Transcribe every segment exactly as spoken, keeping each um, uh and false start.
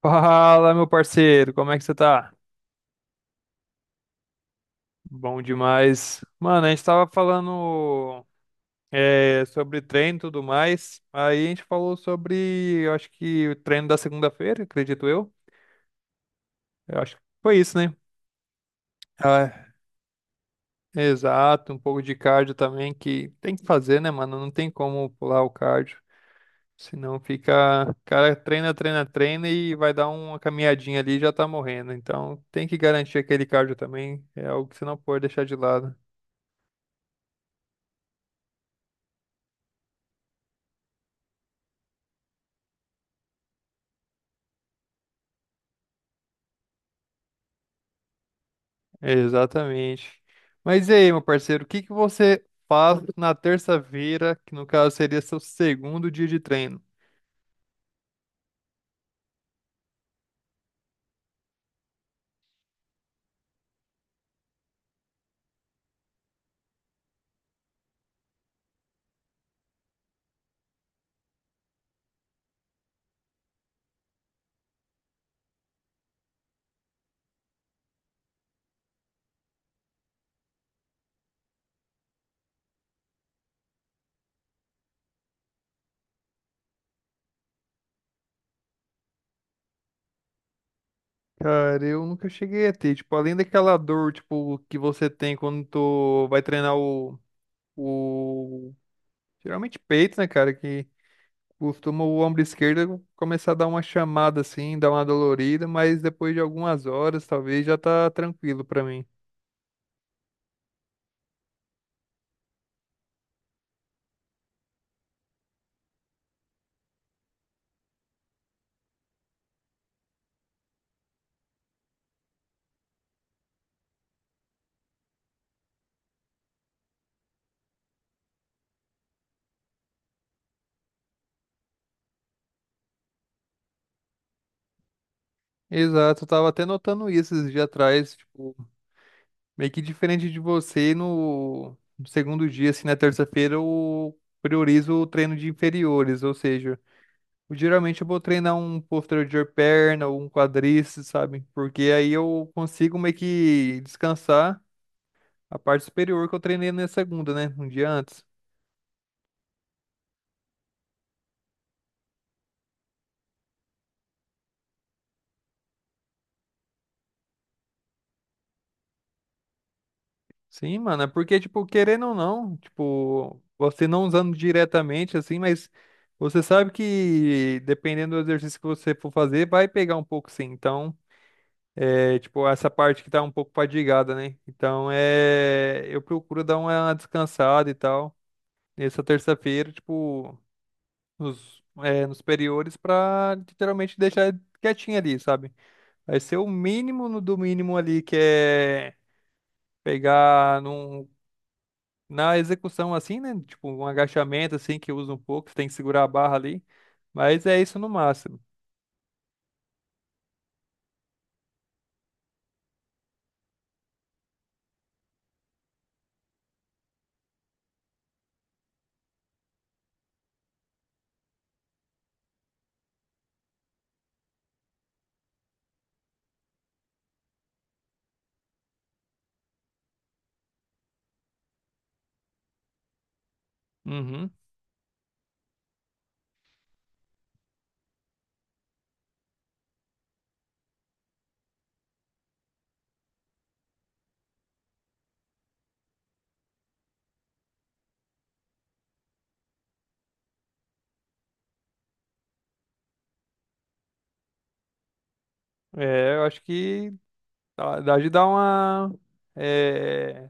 Fala, meu parceiro, como é que você tá? Bom demais. Mano, a gente tava falando é, sobre treino e tudo mais. Aí a gente falou sobre, eu acho que o treino da segunda-feira, acredito eu. Eu acho que foi isso, né? Ah, exato, um pouco de cardio também que tem que fazer, né, mano? Não tem como pular o cardio. Senão fica, cara, treina, treina, treina e vai dar uma caminhadinha ali e já tá morrendo. Então tem que garantir aquele cardio também. É algo que você não pode deixar de lado. Exatamente. Mas e aí, meu parceiro, o que que você faz na terça-feira, que no caso seria seu segundo dia de treino? Cara, eu nunca cheguei a ter, tipo, além daquela dor, tipo, que você tem quando tu vai treinar o, o... Geralmente peito, né, cara, que costuma o ombro esquerdo começar a dar uma chamada assim, dar uma dolorida, mas depois de algumas horas, talvez, já tá tranquilo pra mim. Exato, eu tava até notando isso esses dias atrás, tipo, meio que diferente de você, no no segundo dia, assim, na terça-feira, eu priorizo o treino de inferiores, ou seja, eu- geralmente eu vou treinar um posterior de perna ou um quadríceps, sabe? Porque aí eu consigo meio que descansar a parte superior que eu treinei na segunda, né? Um dia antes. Sim, mano, é porque, tipo, querendo ou não, tipo, você não usando diretamente, assim, mas você sabe que dependendo do exercício que você for fazer, vai pegar um pouco, sim. Então. É tipo essa parte que tá um pouco padigada, né? Então é. Eu procuro dar uma descansada e tal. Nessa terça-feira, tipo, nos, é, nos superiores, pra literalmente deixar quietinho ali, sabe? Vai ser o mínimo no do mínimo ali, que é pegar num, na execução assim, né? Tipo, um agachamento assim que usa um pouco, você tem que segurar a barra ali. Mas é isso no máximo. Uhum. É, eu acho que dá dá de dar uma. eh,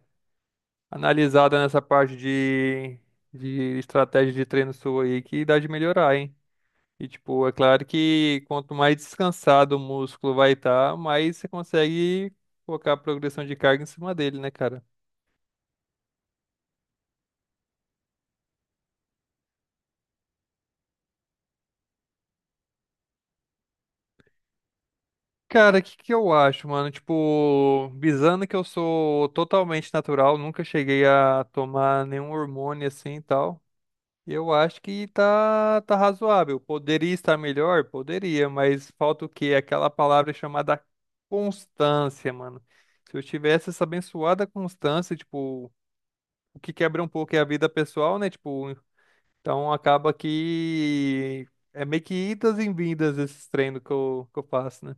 analisada nessa parte de, de estratégia de treino sua aí que dá de melhorar, hein? E, tipo, é claro que quanto mais descansado o músculo vai estar, mais você consegue colocar a progressão de carga em cima dele, né, cara? Cara, o que que eu acho, mano? Tipo, visando que eu sou totalmente natural, nunca cheguei a tomar nenhum hormônio assim e tal. Eu acho que tá, tá razoável. Poderia estar melhor? Poderia, mas falta o quê? Aquela palavra chamada constância, mano. Se eu tivesse essa abençoada constância, tipo, o que quebra um pouco é a vida pessoal, né? Tipo, então acaba que é meio que idas e vindas esses treinos que eu, que eu faço, né?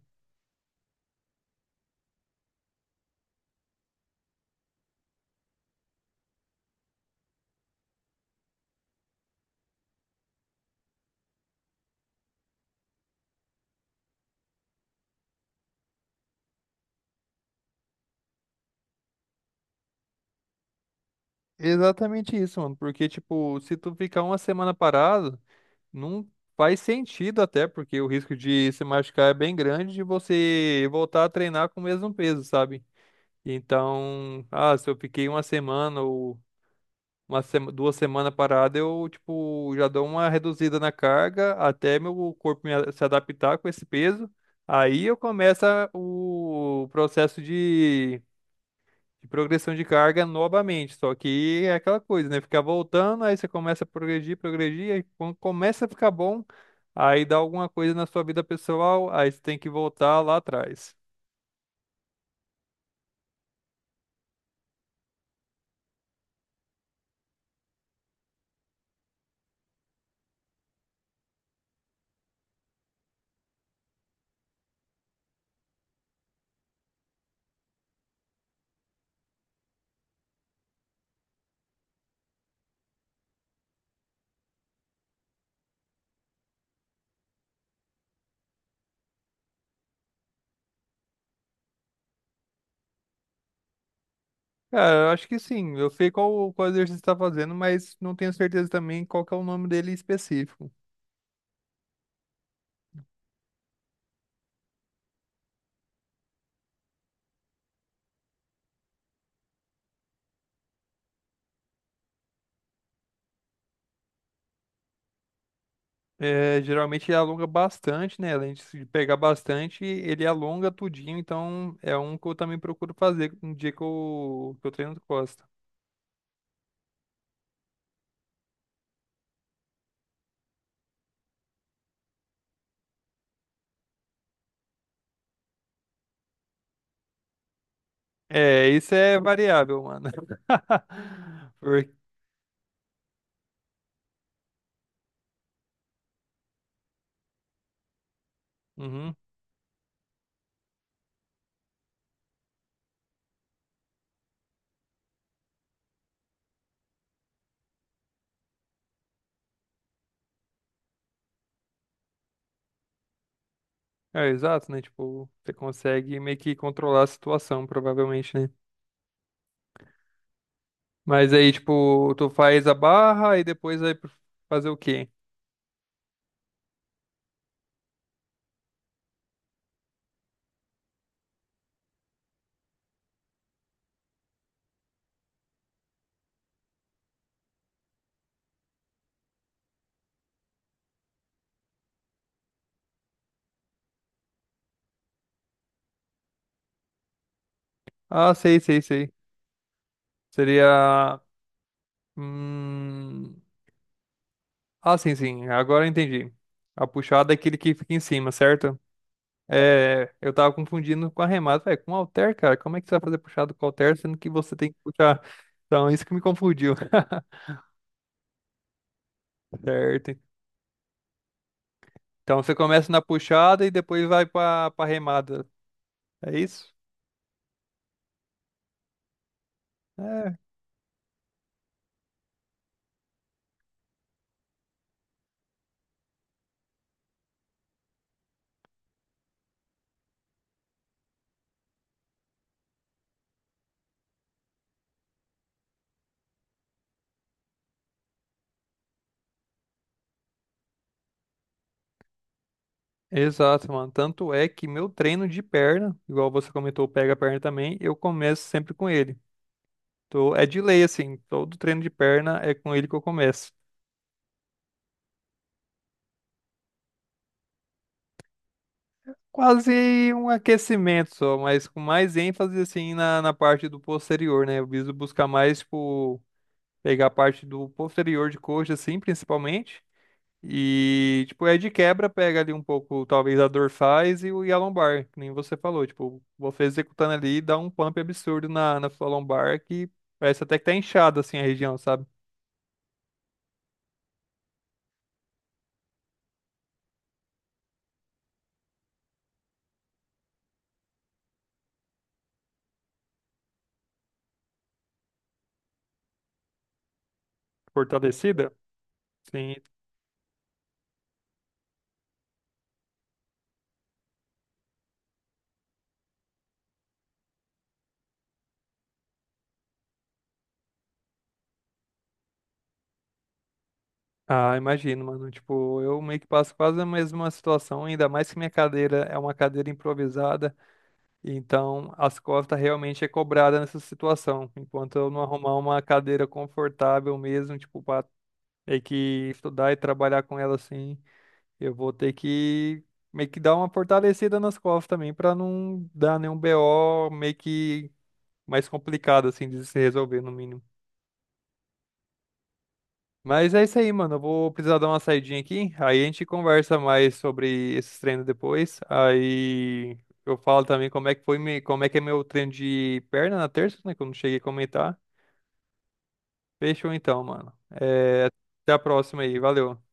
Exatamente isso, mano. Porque, tipo, se tu ficar uma semana parado. Não faz sentido até, porque o risco de se machucar é bem grande de você voltar a treinar com o mesmo peso, sabe? Então, ah, se eu fiquei uma semana ou uma sema- duas semanas parada, eu, tipo, já dou uma reduzida na carga até meu corpo me a- se adaptar com esse peso. Aí eu começo a- o processo de progressão de carga novamente. Só que é aquela coisa, né? Ficar voltando, aí você começa a progredir, progredir, aí quando começa a ficar bom, aí dá alguma coisa na sua vida pessoal, aí você tem que voltar lá atrás. Cara, eu acho que sim. Eu sei qual, qual exercício você está fazendo, mas não tenho certeza também qual que é o nome dele específico. É, geralmente ele alonga bastante, né? Além de pegar bastante, ele alonga tudinho. Então é um que eu também procuro fazer no dia que eu, que eu treino costa. É, isso é variável, mano. Porque... Uhum. É, exato, né? Tipo, você consegue meio que controlar a situação, provavelmente, né? Mas aí, tipo, tu faz a barra e depois vai pro- fazer o quê? Ah, sei, sei, sei. Seria. Hum... Ah, sim, sim. Agora eu entendi. A puxada é aquele que fica em cima, certo? É, eu tava confundindo com arremate, velho. Com halter, cara, como é que você vai fazer puxado com halter, sendo que você tem que puxar? Então, isso que me confundiu. Certo, então você começa na puxada e depois vai pra, pra remada. É isso? É, exato, mano. Tanto é que meu treino de perna, igual você comentou, pega a perna também, eu começo sempre com ele. Tô, é de lei, assim, todo treino de perna é com ele que eu começo. Quase um aquecimento só, mas com mais ênfase, assim, na, na parte do posterior, né? Eu viso buscar mais, tipo, pegar a parte do posterior de coxa, assim, principalmente. E, tipo, é de quebra, pega ali um pouco, talvez, a dorsais e, o- e a lombar, que nem você falou. Tipo, você executando ali, dá um pump absurdo na, na sua lombar, que parece até que tá inchada, assim, a região, sabe? Fortalecida. Sim. Ah, imagino, mano. Tipo, eu meio que passo quase a mesma situação, ainda mais que minha cadeira é uma cadeira improvisada, então as costas realmente é cobrada nessa situação. Enquanto eu não arrumar uma cadeira confortável mesmo, tipo, pra ter que estudar e trabalhar com ela assim. Eu vou ter que meio que dar uma fortalecida nas costas também pra não dar nenhum B O meio que mais complicado assim de se resolver no mínimo. Mas é isso aí, mano. Eu vou precisar dar uma saidinha aqui. Aí a gente conversa mais sobre esses treinos depois. Aí eu falo também como é que foi, me- como é que é meu treino de perna na terça, né? Que eu não cheguei a comentar. Fechou então, mano. É, até a próxima aí. Valeu.